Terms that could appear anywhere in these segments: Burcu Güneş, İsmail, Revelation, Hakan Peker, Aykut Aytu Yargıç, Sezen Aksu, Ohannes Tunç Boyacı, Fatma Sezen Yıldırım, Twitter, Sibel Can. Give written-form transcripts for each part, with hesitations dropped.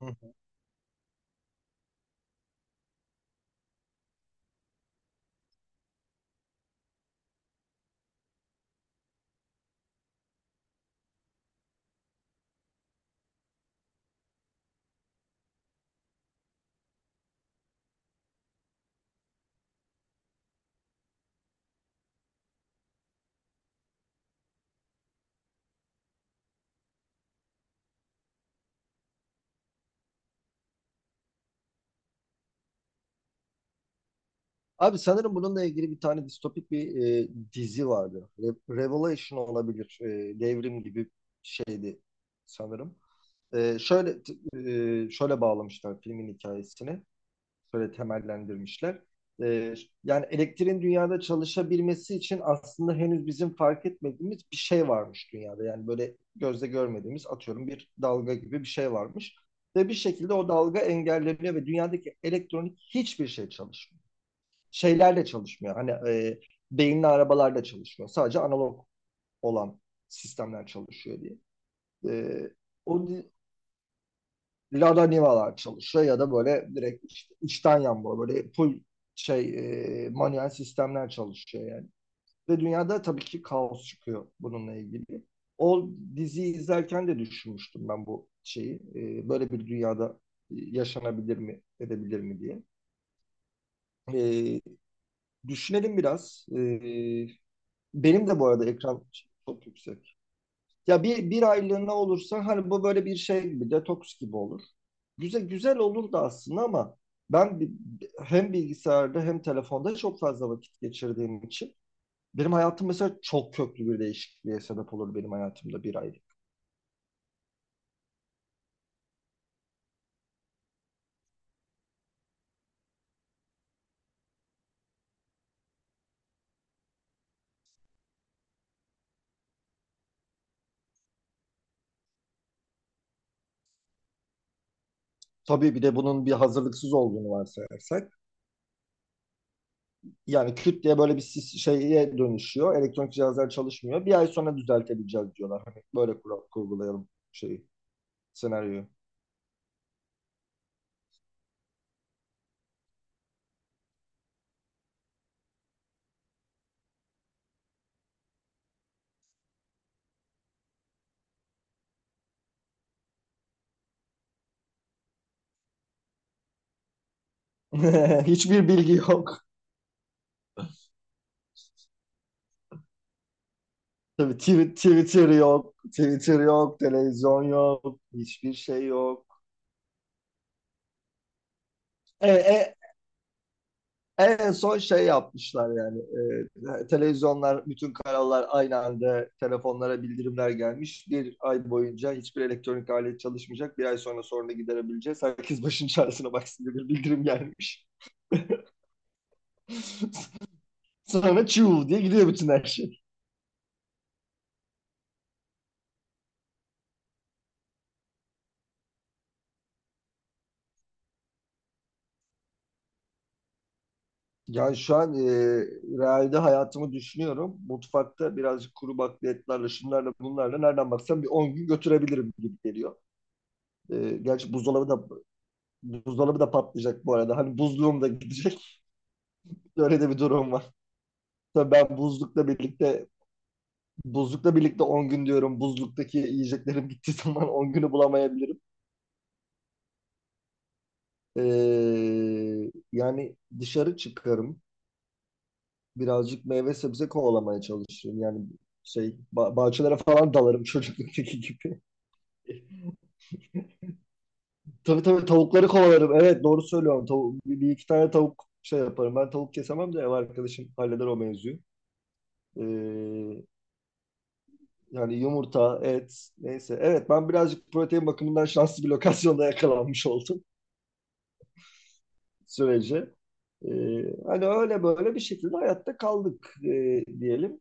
Hı hı. Abi sanırım bununla ilgili bir tane distopik bir dizi vardı. Revelation olabilir. Devrim gibi şeydi sanırım. E, şöyle t- Şöyle bağlamışlar filmin hikayesini. Şöyle temellendirmişler. E, Yani elektriğin dünyada çalışabilmesi için aslında henüz bizim fark etmediğimiz bir şey varmış dünyada. Yani böyle gözle görmediğimiz atıyorum bir dalga gibi bir şey varmış. Ve bir şekilde o dalga engelleniyor ve dünyadaki elektronik hiçbir şey çalışmıyor. Şeylerle çalışmıyor. Hani beyinli arabalarla çalışmıyor. Sadece analog olan sistemler çalışıyor diye. E, o di- Lada Niva'lar çalışıyor ya da böyle direkt işte içten yanmalı böyle full şey manuel sistemler çalışıyor yani. Ve dünyada tabii ki kaos çıkıyor bununla ilgili. O diziyi izlerken de düşünmüştüm ben bu şeyi. Böyle bir dünyada yaşanabilir mi, edebilir mi diye. E, Düşünelim biraz. Benim de bu arada ekran çok yüksek. Ya bir aylığına olursa hani bu böyle bir şey gibi detoks gibi olur. Güzel güzel olur da aslında ama ben bi- hem bilgisayarda hem telefonda çok fazla vakit geçirdiğim için benim hayatım mesela çok köklü bir değişikliğe sebep olur benim hayatımda bir aylık. Tabii bir de bunun bir hazırlıksız olduğunu varsayarsak. Yani küt diye böyle bir şeye dönüşüyor. Elektronik cihazlar çalışmıyor. Bir ay sonra düzeltebileceğiz diyorlar. Hani böyle kural kurgulayalım şeyi, senaryoyu. Hiçbir bilgi yok. Tabii Twitter yok, Twitter yok, televizyon yok, hiçbir şey yok. E, e, En son şey yapmışlar yani. Televizyonlar, bütün kanallar aynı anda telefonlara bildirimler gelmiş. Bir ay boyunca hiçbir elektronik alet çalışmayacak. Bir ay sonra sorunu giderebileceğiz. Herkes başın çaresine baksın diye bir bildirim gelmiş. Sonra çuv diye gidiyor bütün her şey. Yani şu an realde hayatımı düşünüyorum. Mutfakta birazcık kuru bakliyatlarla, şunlarla, bunlarla nereden baksam bir 10 gün götürebilirim gibi geliyor. Gerçi buzdolabı da patlayacak bu arada. Hani buzluğum da gidecek. Öyle de bir durum var. Tabii ben buzlukla birlikte 10 gün diyorum. Buzluktaki yiyeceklerim gittiği zaman 10 günü bulamayabilirim. E, Yani dışarı çıkarım. Birazcık meyve sebze kovalamaya çalışırım. Yani şey bahçelere falan dalarım çocukluktaki gibi. Tabii tabii tavukları kovalarım. Evet doğru söylüyorum. Bir iki tane tavuk şey yaparım. Ben tavuk kesemem de ev arkadaşım halleder o mevzuyu. Ee, Yani yumurta, et neyse. Evet ben birazcık protein bakımından şanslı bir lokasyonda yakalanmış oldum sürece. Ee, Hani öyle böyle bir şekilde hayatta kaldık diyelim.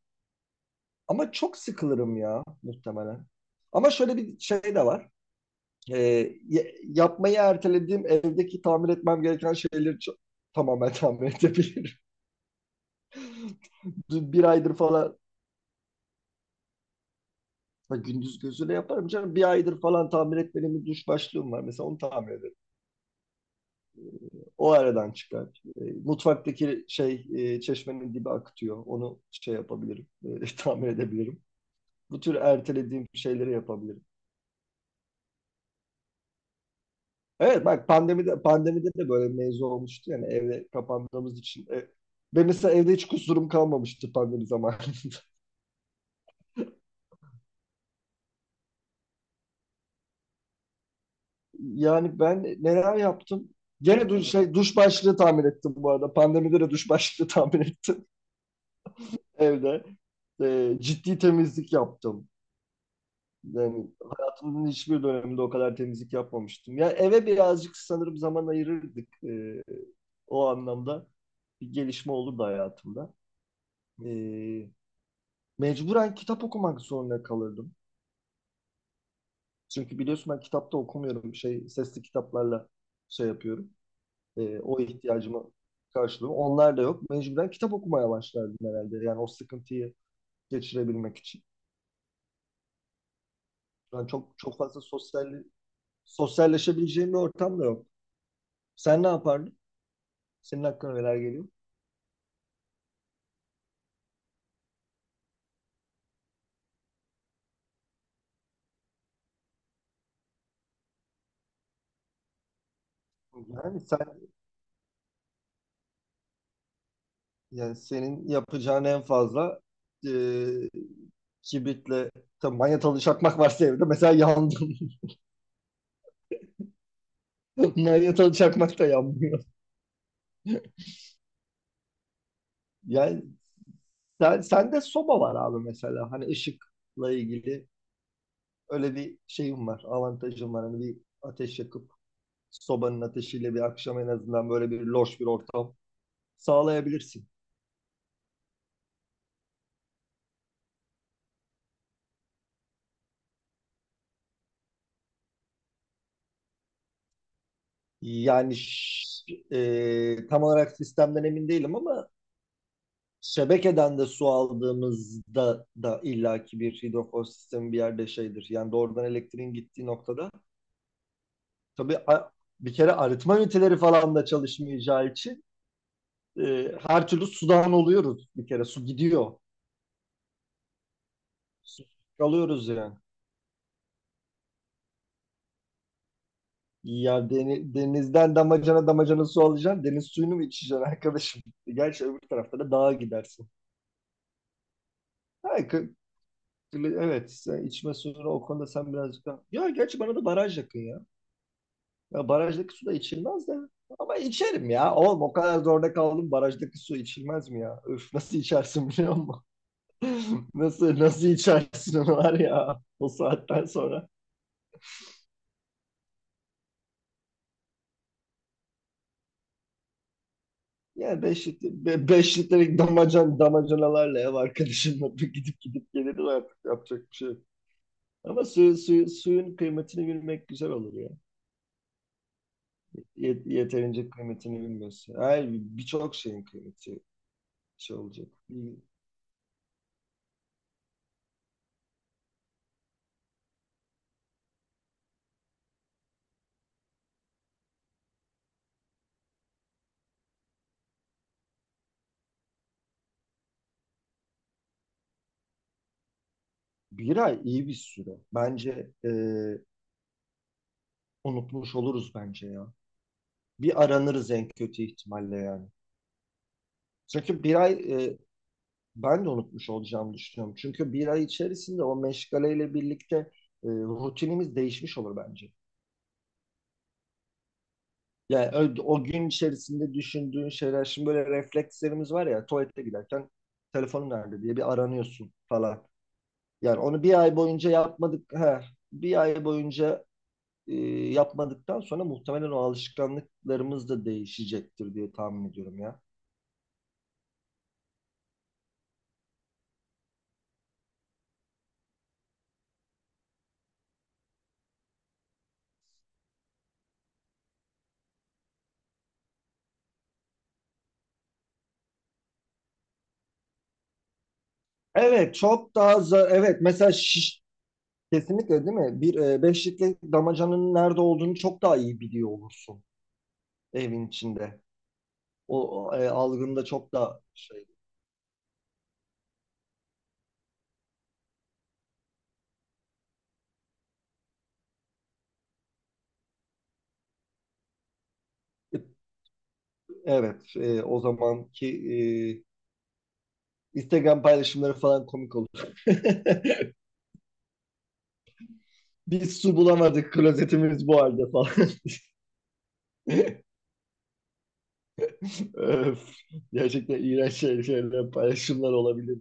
Ama çok sıkılırım ya muhtemelen. Ama şöyle bir şey de var. E, Yapmayı ertelediğim evdeki tamir etmem gereken şeyleri tamamen tamir edebilirim. Bir aydır falan gündüz gözüyle yaparım canım. Bir aydır falan tamir etmediğim bir duş başlığım var. Mesela onu tamir ederim. O aradan çıkar. Mutfaktaki şey çeşmenin dibi akıtıyor. Onu şey yapabilirim. Tamir edebilirim. Bu tür ertelediğim şeyleri yapabilirim. Evet bak pandemide de böyle mevzu olmuştu yani evde kapandığımız için. Ben mesela evde hiç kusurum kalmamıştı pandemi zamanında. Yani ben neler yaptım? Gene duş, şey, duş başlığı tamir ettim bu arada. Pandemide de duş başlığı tamir ettim evde. Ciddi temizlik yaptım. Yani hayatımın hiçbir döneminde o kadar temizlik yapmamıştım. Yani eve birazcık sanırım zaman ayırırdık. O anlamda bir gelişme olurdu hayatımda. Ee, Mecburen kitap okumak zorunda kalırdım. Çünkü biliyorsun ben kitapta okumuyorum. Şey, sesli kitaplarla şey yapıyorum. O ihtiyacımı karşılıyor. Onlar da yok. Mecburen kitap okumaya başlardım herhalde. Yani o sıkıntıyı geçirebilmek için. Yani çok çok fazla sosyalleşebileceğim bir ortam da yok. Sen ne yapardın? Senin aklına neler geliyor? Yani senin yapacağın en fazla e, kibritle tabii manyetalı çakmak varsa evde mesela yandım. Manyetalı çakmak da yanmıyor. Yani sende soba var abi mesela. Hani ışıkla ilgili öyle bir şeyim var, avantajım var. Hani bir ateş yakıp sobanın ateşiyle bir akşam en azından böyle bir loş bir ortam sağlayabilirsin. Yani tam olarak sistemden emin değilim ama şebekeden de su aldığımızda da illaki bir hidrofor sistemi bir yerde şeydir. Yani doğrudan elektriğin gittiği noktada tabii bir kere arıtma üniteleri falan da çalışmayacağı için her türlü sudan oluyoruz bir kere. Su gidiyor. Su kalıyoruz yani. Ya denizden damacana damacana su alacaksın. Deniz suyunu mu içeceksin arkadaşım? Gerçi öbür tarafta da dağa gidersin. Ha, kı- evet sen içme suyunu o konuda sen birazcık daha... Ya gerçi bana da baraj yakın ya. Ya barajdaki su da içilmez de. Ama içerim ya. Oğlum o kadar zorda kaldım. Barajdaki su içilmez mi ya? Öf nasıl içersin biliyor musun? Nasıl nasıl içersin onu var ya o saatten sonra. Ya 5 litrelik damacanalarla ev arkadaşımla gidip gidip gelirim artık yapacak bir şey yok. Ama suyun kıymetini bilmek güzel olur ya. Yeterince kıymetini bilmiyorsun. Her birçok şeyin kıymeti şey olacak. Bir ay iyi bir süre. Bence unutmuş oluruz bence ya. Bir aranırız en kötü ihtimalle yani. Çünkü bir ay ben de unutmuş olacağımı düşünüyorum. Çünkü bir ay içerisinde o meşgaleyle birlikte rutinimiz değişmiş olur bence. Yani o gün içerisinde düşündüğün şeyler, şimdi böyle reflekslerimiz var ya, tuvalete giderken telefonun nerede diye bir aranıyorsun falan. Yani onu bir ay boyunca yapmadık, he, bir ay boyunca e, yapmadıktan sonra muhtemelen o alışkanlıklarımız da değişecektir diye tahmin ediyorum ya. Evet, evet mesela kesinlikle değil mi? Bir beşlikte damacanın nerede olduğunu çok daha iyi biliyor olursun evin içinde. O algında çok da şey. Evet, o zamanki Instagram paylaşımları falan komik olur. Biz su bulamadık, klozetimiz bu halde falan. Öf, gerçekten iğrenç şeyler, paylaşımlar olabilir.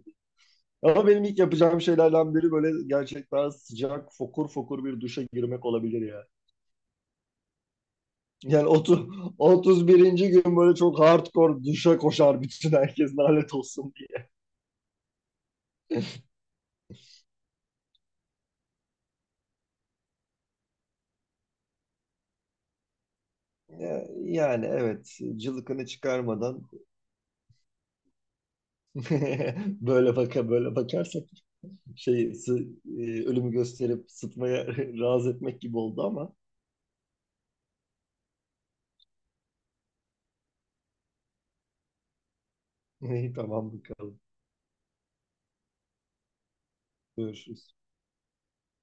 Ama benim ilk yapacağım şeylerden biri böyle gerçekten sıcak, fokur fokur bir duşa girmek olabilir ya. Yani 31. gün böyle çok hardcore duşa koşar bütün herkes lanet olsun diye. Yani evet cılıkını çıkarmadan böyle bakarsak şey sı- ölümü gösterip sıtmaya razı etmek gibi oldu ama tamam bakalım görüşürüz.